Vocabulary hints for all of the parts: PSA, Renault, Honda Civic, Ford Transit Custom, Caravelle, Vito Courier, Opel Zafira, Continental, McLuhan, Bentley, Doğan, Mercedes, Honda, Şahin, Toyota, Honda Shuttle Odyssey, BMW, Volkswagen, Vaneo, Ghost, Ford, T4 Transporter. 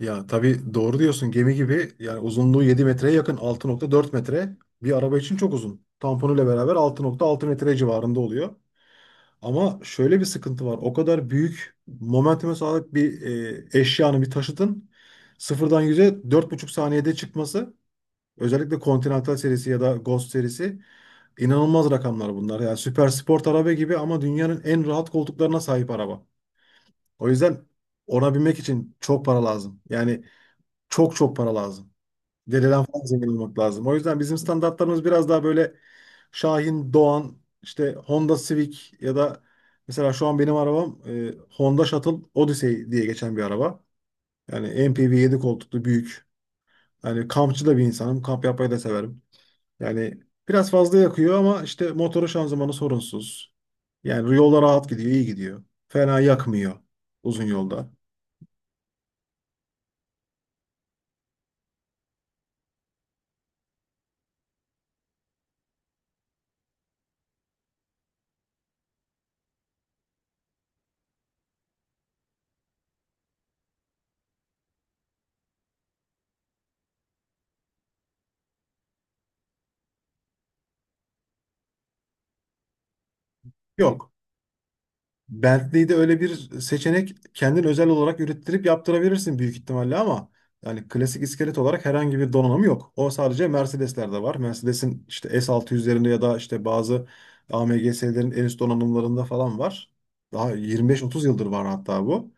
Ya tabii doğru diyorsun, gemi gibi. Yani uzunluğu 7 metreye yakın, 6,4 metre bir araba için çok uzun. Tamponuyla beraber 6,6 metre civarında oluyor. Ama şöyle bir sıkıntı var. O kadar büyük momentume sahip bir eşyanın, bir taşıtın 0'dan 100'e 4,5 saniyede çıkması, özellikle Continental serisi ya da Ghost serisi, inanılmaz rakamlar bunlar. Yani süper sport araba gibi ama dünyanın en rahat koltuklarına sahip araba. O yüzden ona binmek için çok para lazım. Yani çok çok para lazım. Dededen falan zengin olmak lazım. O yüzden bizim standartlarımız biraz daha böyle Şahin, Doğan, işte Honda Civic ya da mesela şu an benim arabam Honda Shuttle Odyssey diye geçen bir araba. Yani MPV, 7 koltuklu, büyük. Yani kampçı da bir insanım. Kamp yapmayı da severim. Yani biraz fazla yakıyor ama işte motoru, şanzımanı sorunsuz. Yani yolda rahat gidiyor, iyi gidiyor. Fena yakmıyor uzun yolda. Yok. Bentley'de öyle bir seçenek, kendin özel olarak ürettirip yaptırabilirsin büyük ihtimalle ama yani klasik iskelet olarak herhangi bir donanım yok. O sadece Mercedes'lerde var. Mercedes'in işte S600'lerinde ya da işte bazı AMG'lerin en üst donanımlarında falan var. Daha 25-30 yıldır var hatta bu.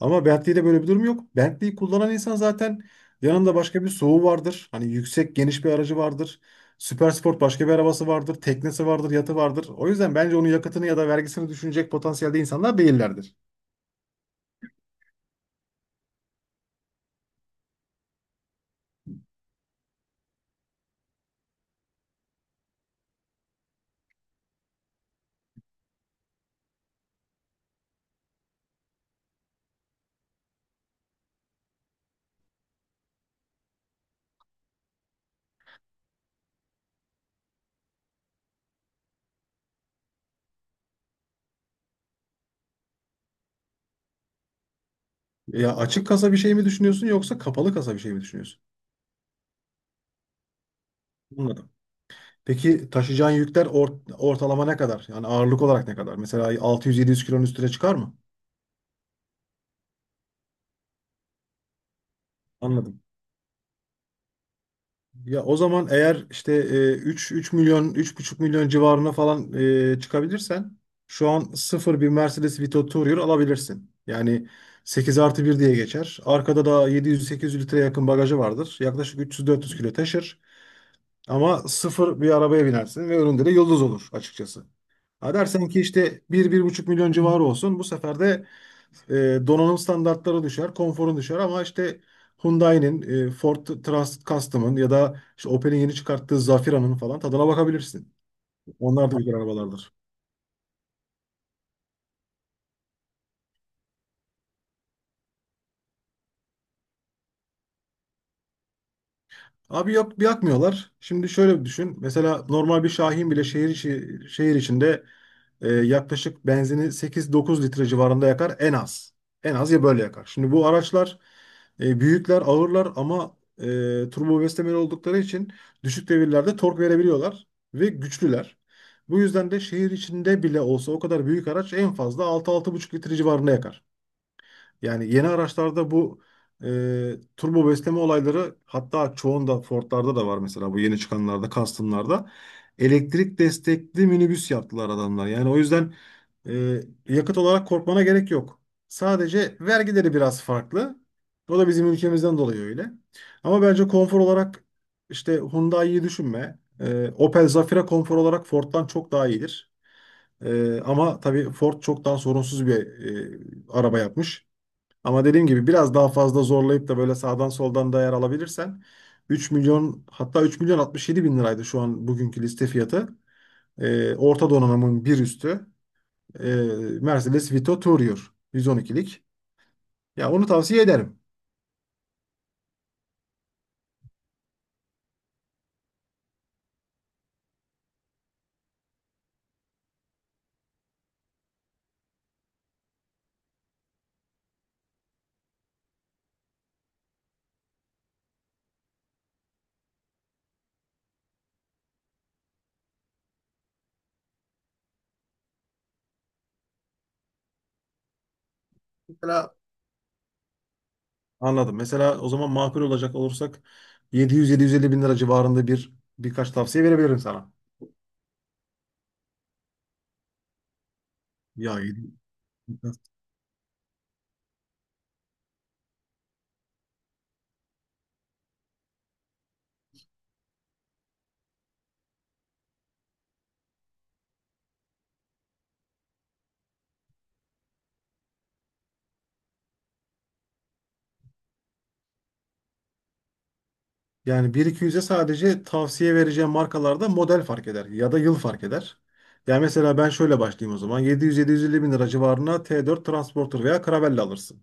Ama Bentley'de böyle bir durum yok. Bentley'i kullanan insan zaten yanında başka bir SUV vardır. Hani yüksek, geniş bir aracı vardır. Süpersport başka bir arabası vardır, teknesi vardır, yatı vardır. O yüzden bence onun yakıtını ya da vergisini düşünecek potansiyelde insanlar değillerdir. Ya açık kasa bir şey mi düşünüyorsun yoksa kapalı kasa bir şey mi düşünüyorsun? Anladım. Peki taşıyacağın yükler ortalama ne kadar? Yani ağırlık olarak ne kadar? Mesela 600-700 kilonun üstüne çıkar mı? Anladım. Ya o zaman, eğer işte 3 milyon, 3,5 milyon civarına falan çıkabilirsen, şu an sıfır bir Mercedes Vito Tourer alabilirsin. Yani 8 artı 1 diye geçer. Arkada da 700-800 litre yakın bagajı vardır. Yaklaşık 300-400 kilo taşır. Ama sıfır bir arabaya binersin ve önünde de yıldız olur açıkçası. Ha dersen ki işte 1 buçuk milyon civarı olsun, bu sefer de donanım standartları düşer, konforun düşer ama işte Hyundai'nin, Ford Trans Custom'ın ya da işte Opel'in yeni çıkarttığı Zafira'nın falan tadına bakabilirsin. Onlar da güzel arabalardır. Abi, yok, yakmıyorlar. Şimdi şöyle bir düşün. Mesela normal bir Şahin bile şehir içinde yaklaşık benzini 8-9 litre civarında yakar en az. En az ya, böyle yakar. Şimdi bu araçlar büyükler, ağırlar ama turbo beslemeli oldukları için düşük devirlerde tork verebiliyorlar ve güçlüler. Bu yüzden de şehir içinde bile olsa o kadar büyük araç en fazla 6-6,5 litre civarında yakar. Yani yeni araçlarda bu e, turbo besleme olayları, hatta çoğunda, Ford'larda da var mesela, bu yeni çıkanlarda, Custom'larda elektrik destekli minibüs yaptılar adamlar. Yani o yüzden e, yakıt olarak korkmana gerek yok. Sadece vergileri biraz farklı. O da bizim ülkemizden dolayı öyle. Ama bence konfor olarak işte Hyundai'yi düşünme. Opel Zafira konfor olarak Ford'dan çok daha iyidir. Ama tabii Ford çok daha sorunsuz bir araba yapmış. Ama dediğim gibi biraz daha fazla zorlayıp da böyle sağdan soldan da yer alabilirsen, 3 milyon, hatta 3 milyon 67 bin liraydı şu an bugünkü liste fiyatı. Orta donanımın bir üstü, ee, Mercedes Vito Tourer 112'lik. Ya onu tavsiye ederim. Mesela Anladım. Mesela o zaman, makul olacak olursak, 700-750 bin lira civarında bir, birkaç tavsiye verebilirim sana. Ya 700, yani 1.200'e sadece tavsiye vereceğim markalarda model fark eder ya da yıl fark eder. Yani mesela ben şöyle başlayayım o zaman. 700-750 bin lira civarına T4 Transporter veya Caravelle alırsın.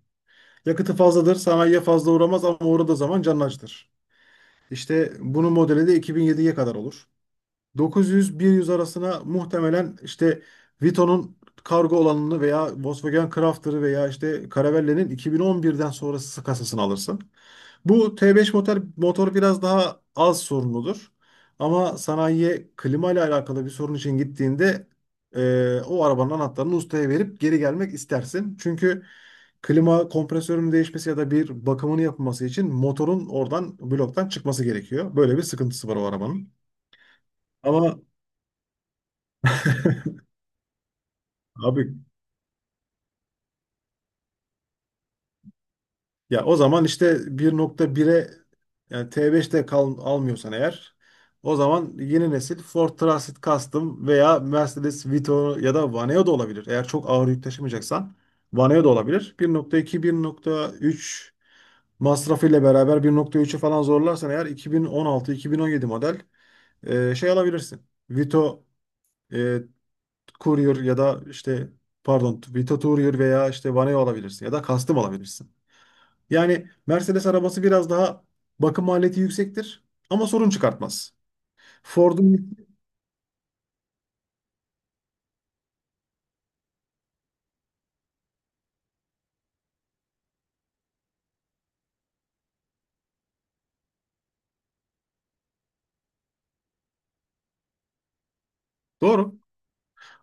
Yakıtı fazladır, sanayiye fazla uğramaz ama uğradığı zaman canını acıtır. İşte bunun modeli de 2007'ye kadar olur. 900-100 arasına muhtemelen işte Vito'nun kargo olanını veya Volkswagen Crafter'ı veya işte Caravella'nın 2011'den sonrası kasasını alırsın. Bu T5 motor, biraz daha az sorunludur. Ama sanayiye klima ile alakalı bir sorun için gittiğinde o arabanın anahtarını ustaya verip geri gelmek istersin. Çünkü klima kompresörünün değişmesi ya da bir bakımını yapılması için motorun oradan, bloktan çıkması gerekiyor. Böyle bir sıkıntısı var o arabanın. Ama abi, ya o zaman işte 1.1'e, yani T5'te kal. Almıyorsan eğer, o zaman yeni nesil Ford Transit Custom veya Mercedes Vito ya da Vaneo da olabilir. Eğer çok ağır yük taşımayacaksan Vaneo da olabilir. 1.2, 1.3 masrafıyla beraber, 1.3'ü falan zorlarsan eğer 2016-2017 model şey alabilirsin. Vito e, Courier ya da işte, pardon, Vito Courier veya işte Vaneo alabilirsin ya da Custom alabilirsin. Yani Mercedes arabası biraz daha bakım maliyeti yüksektir ama sorun çıkartmaz. Ford'un doğru.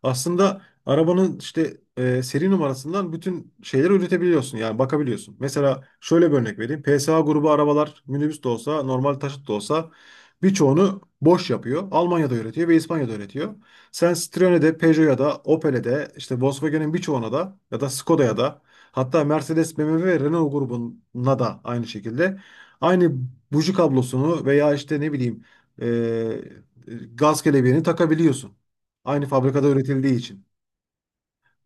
Aslında arabanın işte seri numarasından bütün şeyleri üretebiliyorsun. Yani bakabiliyorsun. Mesela şöyle bir örnek vereyim. PSA grubu arabalar, minibüs de olsa, normal taşıt da olsa, birçoğunu boş yapıyor. Almanya'da üretiyor ve İspanya'da üretiyor. Sen Citroen'e de, Peugeot'a da, Opel'e de, işte Volkswagen'in birçoğuna da, ya da Skoda'ya da, hatta Mercedes, BMW ve Renault grubuna da aynı şekilde aynı buji kablosunu veya işte, ne bileyim, gaz kelebeğini takabiliyorsun. Aynı fabrikada üretildiği için.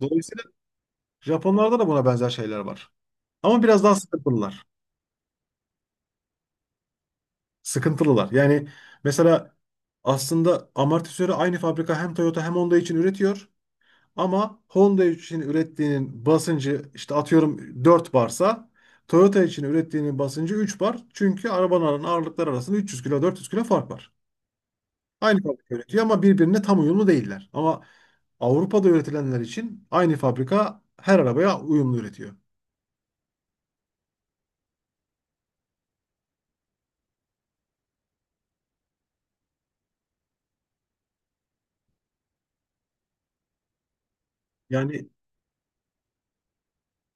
Dolayısıyla Japonlarda da buna benzer şeyler var. Ama biraz daha sıkıntılılar. Sıkıntılılar. Yani mesela aslında amortisörü aynı fabrika hem Toyota hem Honda için üretiyor. Ama Honda için ürettiğinin basıncı işte, atıyorum, 4 barsa, Toyota için ürettiğinin basıncı 3 bar. Çünkü arabaların ağırlıkları arasında 300 kilo, 400 kilo fark var. Aynı fabrika üretiyor ama birbirine tam uyumlu değiller. Ama Avrupa'da üretilenler için aynı fabrika her arabaya uyumlu üretiyor. Yani,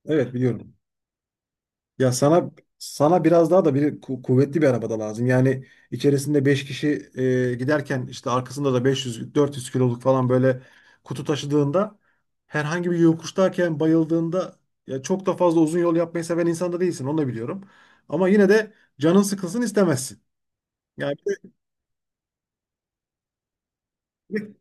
evet biliyorum. Ya sana biraz daha da bir kuvvetli bir arabada lazım. Yani içerisinde 5 kişi giderken, işte arkasında da 500 400 kiloluk falan böyle kutu taşıdığında, herhangi bir yokuştayken bayıldığında, ya çok da fazla uzun yol yapmayı seven insan da değilsin, onu da biliyorum. Ama yine de canın sıkılsın istemezsin. Yani bir de-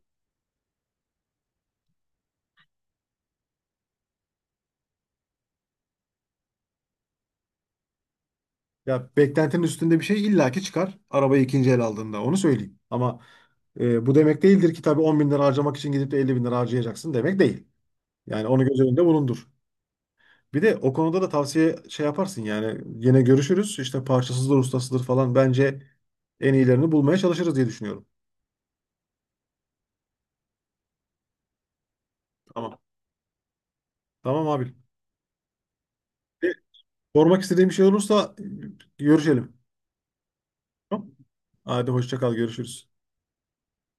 Ya, beklentinin üstünde bir şey illaki çıkar arabayı ikinci el aldığında, onu söyleyeyim. Ama bu demek değildir ki tabii, 10 bin lira harcamak için gidip de 50 bin lira harcayacaksın demek değil. Yani onu göz önünde bulundur. Bir de o konuda da tavsiye şey yaparsın yani, yine görüşürüz işte, parçasızdır, ustasıdır falan, bence en iyilerini bulmaya çalışırız diye düşünüyorum. Tamam. Tamam abi. E, Sormak istediğim bir şey olursa görüşelim. Tamam. Hadi hoşça kal, görüşürüz.